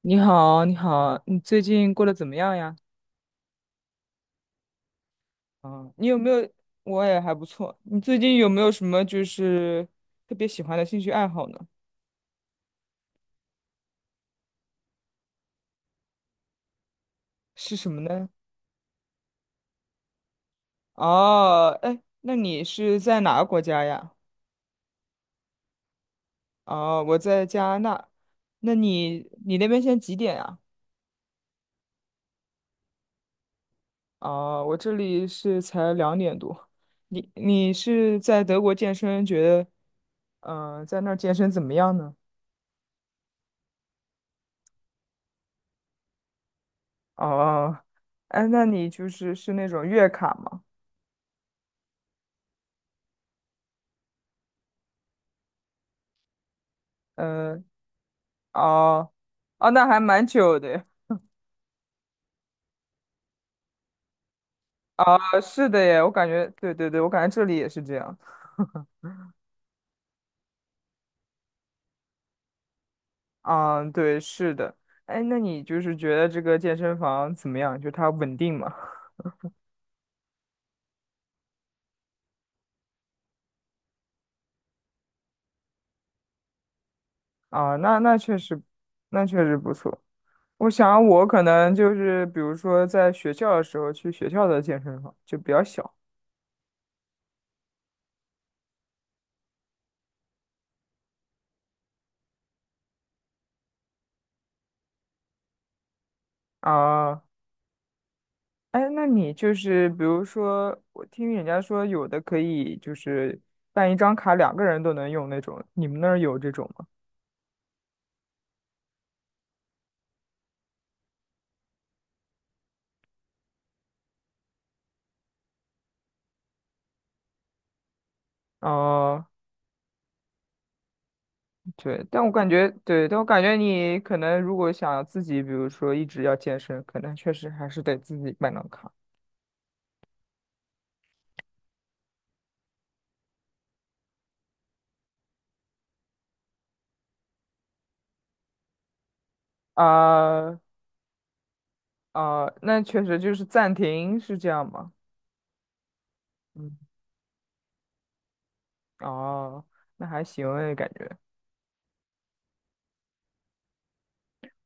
你好，你好，你最近过得怎么样呀？啊，你有没有？我也还不错。你最近有没有什么就是特别喜欢的兴趣爱好呢？是什么呢？哦，哎，那你是在哪个国家呀？哦，我在加拿大。那你那边现在几点呀？哦，我这里是才2点多。你是在德国健身，觉得在那儿健身怎么样呢？哦，哎，那你就是那种月卡吗？嗯，哦，哦，那还蛮久的耶。啊，是的耶，我感觉，对对对，我感觉这里也是这样。啊，对，是的。哎，那你就是觉得这个健身房怎么样？就它稳定吗？啊，那确实，那确实不错。我想我可能就是，比如说在学校的时候去学校的健身房就比较小啊。哎，那你就是比如说，我听人家说有的可以就是办一张卡，两个人都能用那种，你们那儿有这种吗？哦，对，但我感觉，对，但我感觉你可能如果想自己，比如说一直要健身，可能确实还是得自己办张卡。啊，啊，那确实就是暂停是这样吗？嗯，哦，那还行诶，感觉。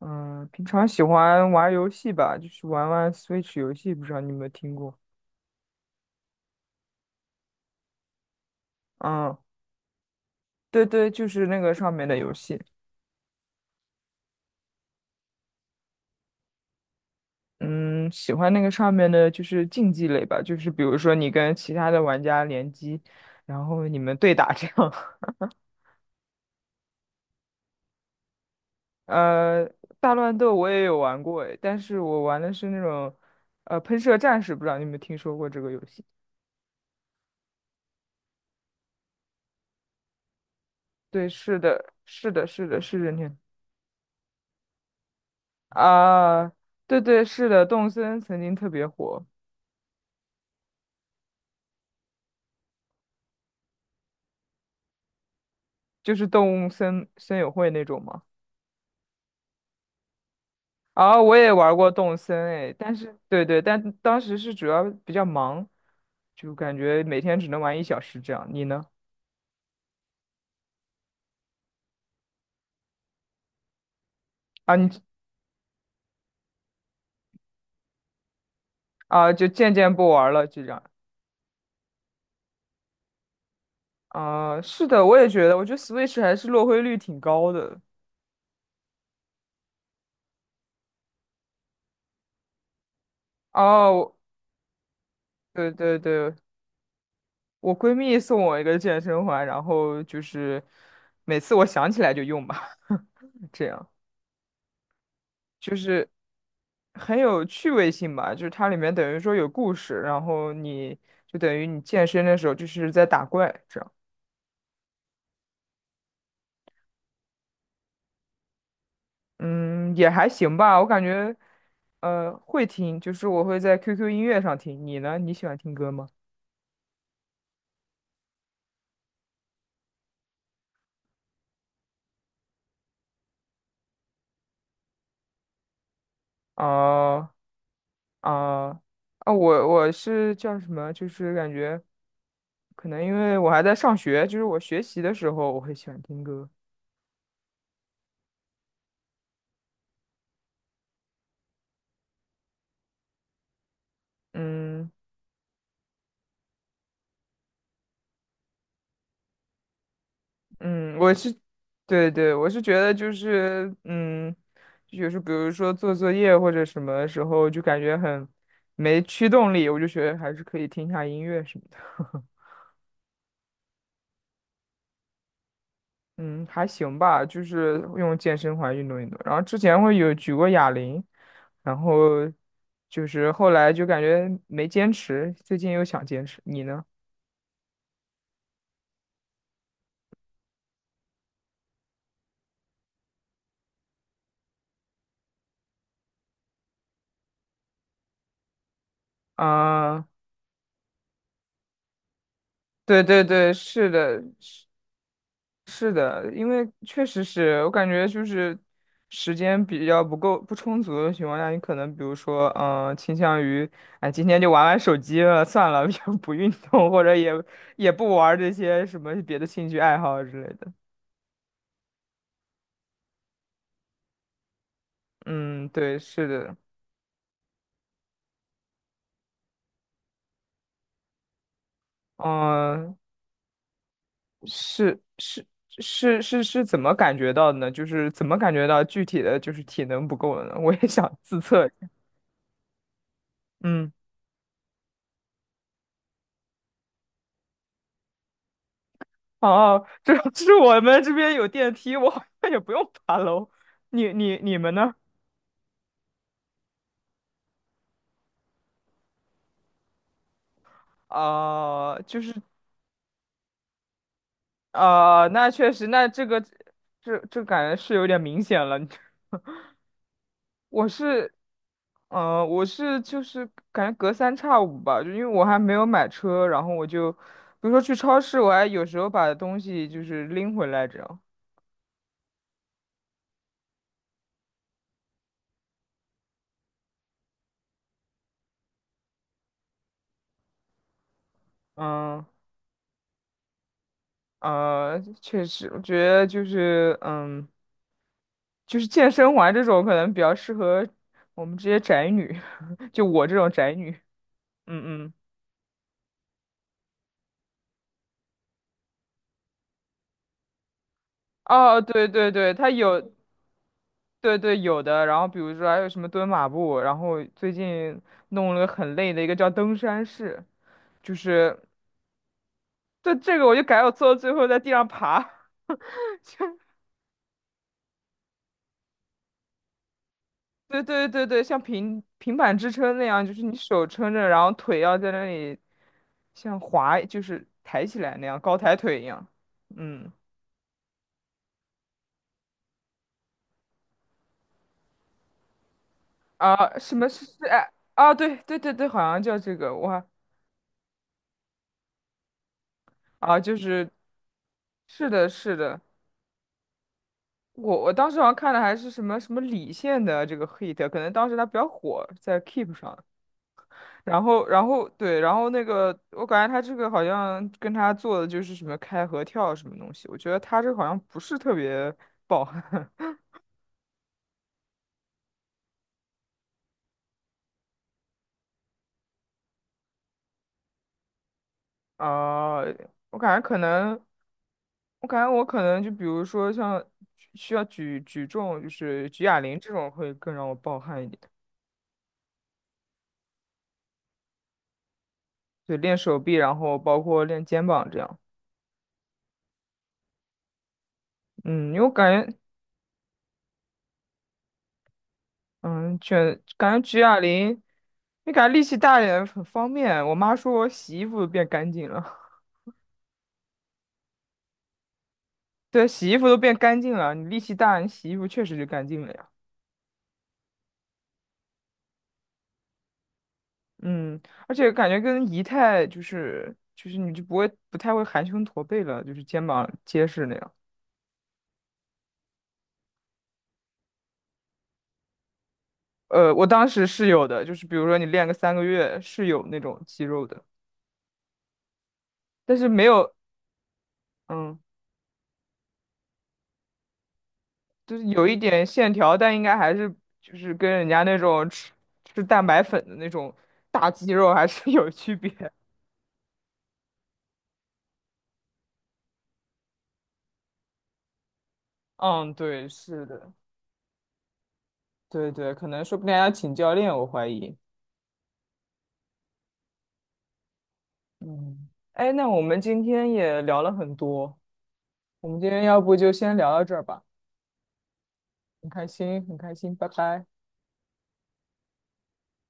嗯，平常喜欢玩游戏吧，就是玩玩 Switch 游戏，不知道你有没有听过？嗯，对对，就是那个上面的游戏。嗯，喜欢那个上面的就是竞技类吧，就是比如说你跟其他的玩家联机，然后你们对打这样。呃，大乱斗我也有玩过诶，但是我玩的是那种，喷射战士，不知道你有没有听说过这个游戏？对，是的，是的，是的，是任天。啊，对对，是的，动森曾经特别火，就是动物森友会那种嘛。啊，我也玩过动森诶，但是对对，但当时是主要比较忙，就感觉每天只能玩1小时这样。你呢？啊，你就渐渐不玩了就这样。啊，是的，我也觉得，我觉得 Switch 还是落灰率挺高的。哦，我对对对，我闺蜜送我一个健身环，然后就是每次我想起来就用吧，这样。就是很有趣味性吧，就是它里面等于说有故事，然后你就等于你健身的时候就是在打怪，这样。嗯，也还行吧，我感觉，会听，就是我会在 QQ 音乐上听，你呢？你喜欢听歌吗？啊，啊，啊！我是叫什么？就是感觉，可能因为我还在上学，就是我学习的时候我会喜欢听歌。嗯。嗯，对对，我是觉得就是，嗯，就是比如说做作业或者什么时候，就感觉很没驱动力，我就觉得还是可以听一下音乐什么的。嗯，还行吧，就是用健身环运动运动。然后之前会有举过哑铃，然后就是后来就感觉没坚持，最近又想坚持。你呢？啊、对对对，是的，是的，因为确实是我感觉就是时间比较不够不充足的情况下，你可能比如说，嗯、倾向于，哎，今天就玩玩手机了，算了，就不运动，或者也也不玩这些什么别的兴趣爱好之类的。嗯，对，是的，嗯、是是是怎么感觉到的呢？就是怎么感觉到具体的就是体能不够了呢？我也想自测一下。嗯。哦，这要 是我们这边有电梯，我好像也不用爬楼。你你们呢？就是啊、那确实，那这个这感觉是有点明显了。我是，嗯，我是就是感觉隔三差五吧，就因为我还没有买车，然后我就，比如说去超市，我还有时候把东西就是拎回来这样。嗯，确实，我觉得就是嗯。就是健身环这种可能比较适合我们这些宅女，就我这种宅女。嗯嗯，哦，对对对，它有，对对有的。然后比如说还有什么蹲马步，然后最近弄了个很累的一个叫登山式，就是这个我就改我做到最后在地上爬。对对对对，像平板支撑那样，就是你手撑着，然后腿要在那里像滑，就是抬起来那样，高抬腿一样。嗯。啊，什么是哎啊？对对对对，好像叫这个，我还啊，就是是的，是的，我当时好像看的还是什么什么李现的这个 hit，可能当时他比较火，在 Keep 上，然后对，然后那个我感觉他这个好像跟他做的就是什么开合跳什么东西，我觉得他这个好像不是特别爆。 啊，我感觉可能。我感觉我可能就比如说像需要举重，就是举哑铃这种会更让我暴汗一点。对，练手臂，然后包括练肩膀这样。嗯，因为我感觉，嗯，卷感觉举哑铃，你感觉力气大一点很方便。我妈说我洗衣服都变干净了，对，洗衣服都变干净了。你力气大，你洗衣服确实就干净了呀。嗯，而且感觉跟仪态就是你就不会不太会含胸驼背了，就是肩膀结实那样。我当时是有的，就是比如说你练个3个月是有那种肌肉的，但是没有，嗯，就是有一点线条，但应该还是就是跟人家那种吃蛋白粉的那种大肌肉还是 有区别。嗯，对，是的，对对，可能说不定还要请教练，我怀疑。嗯，哎，那我们今天也聊了很多，我们今天要不就先聊到这儿吧，很开心，很开心，拜拜。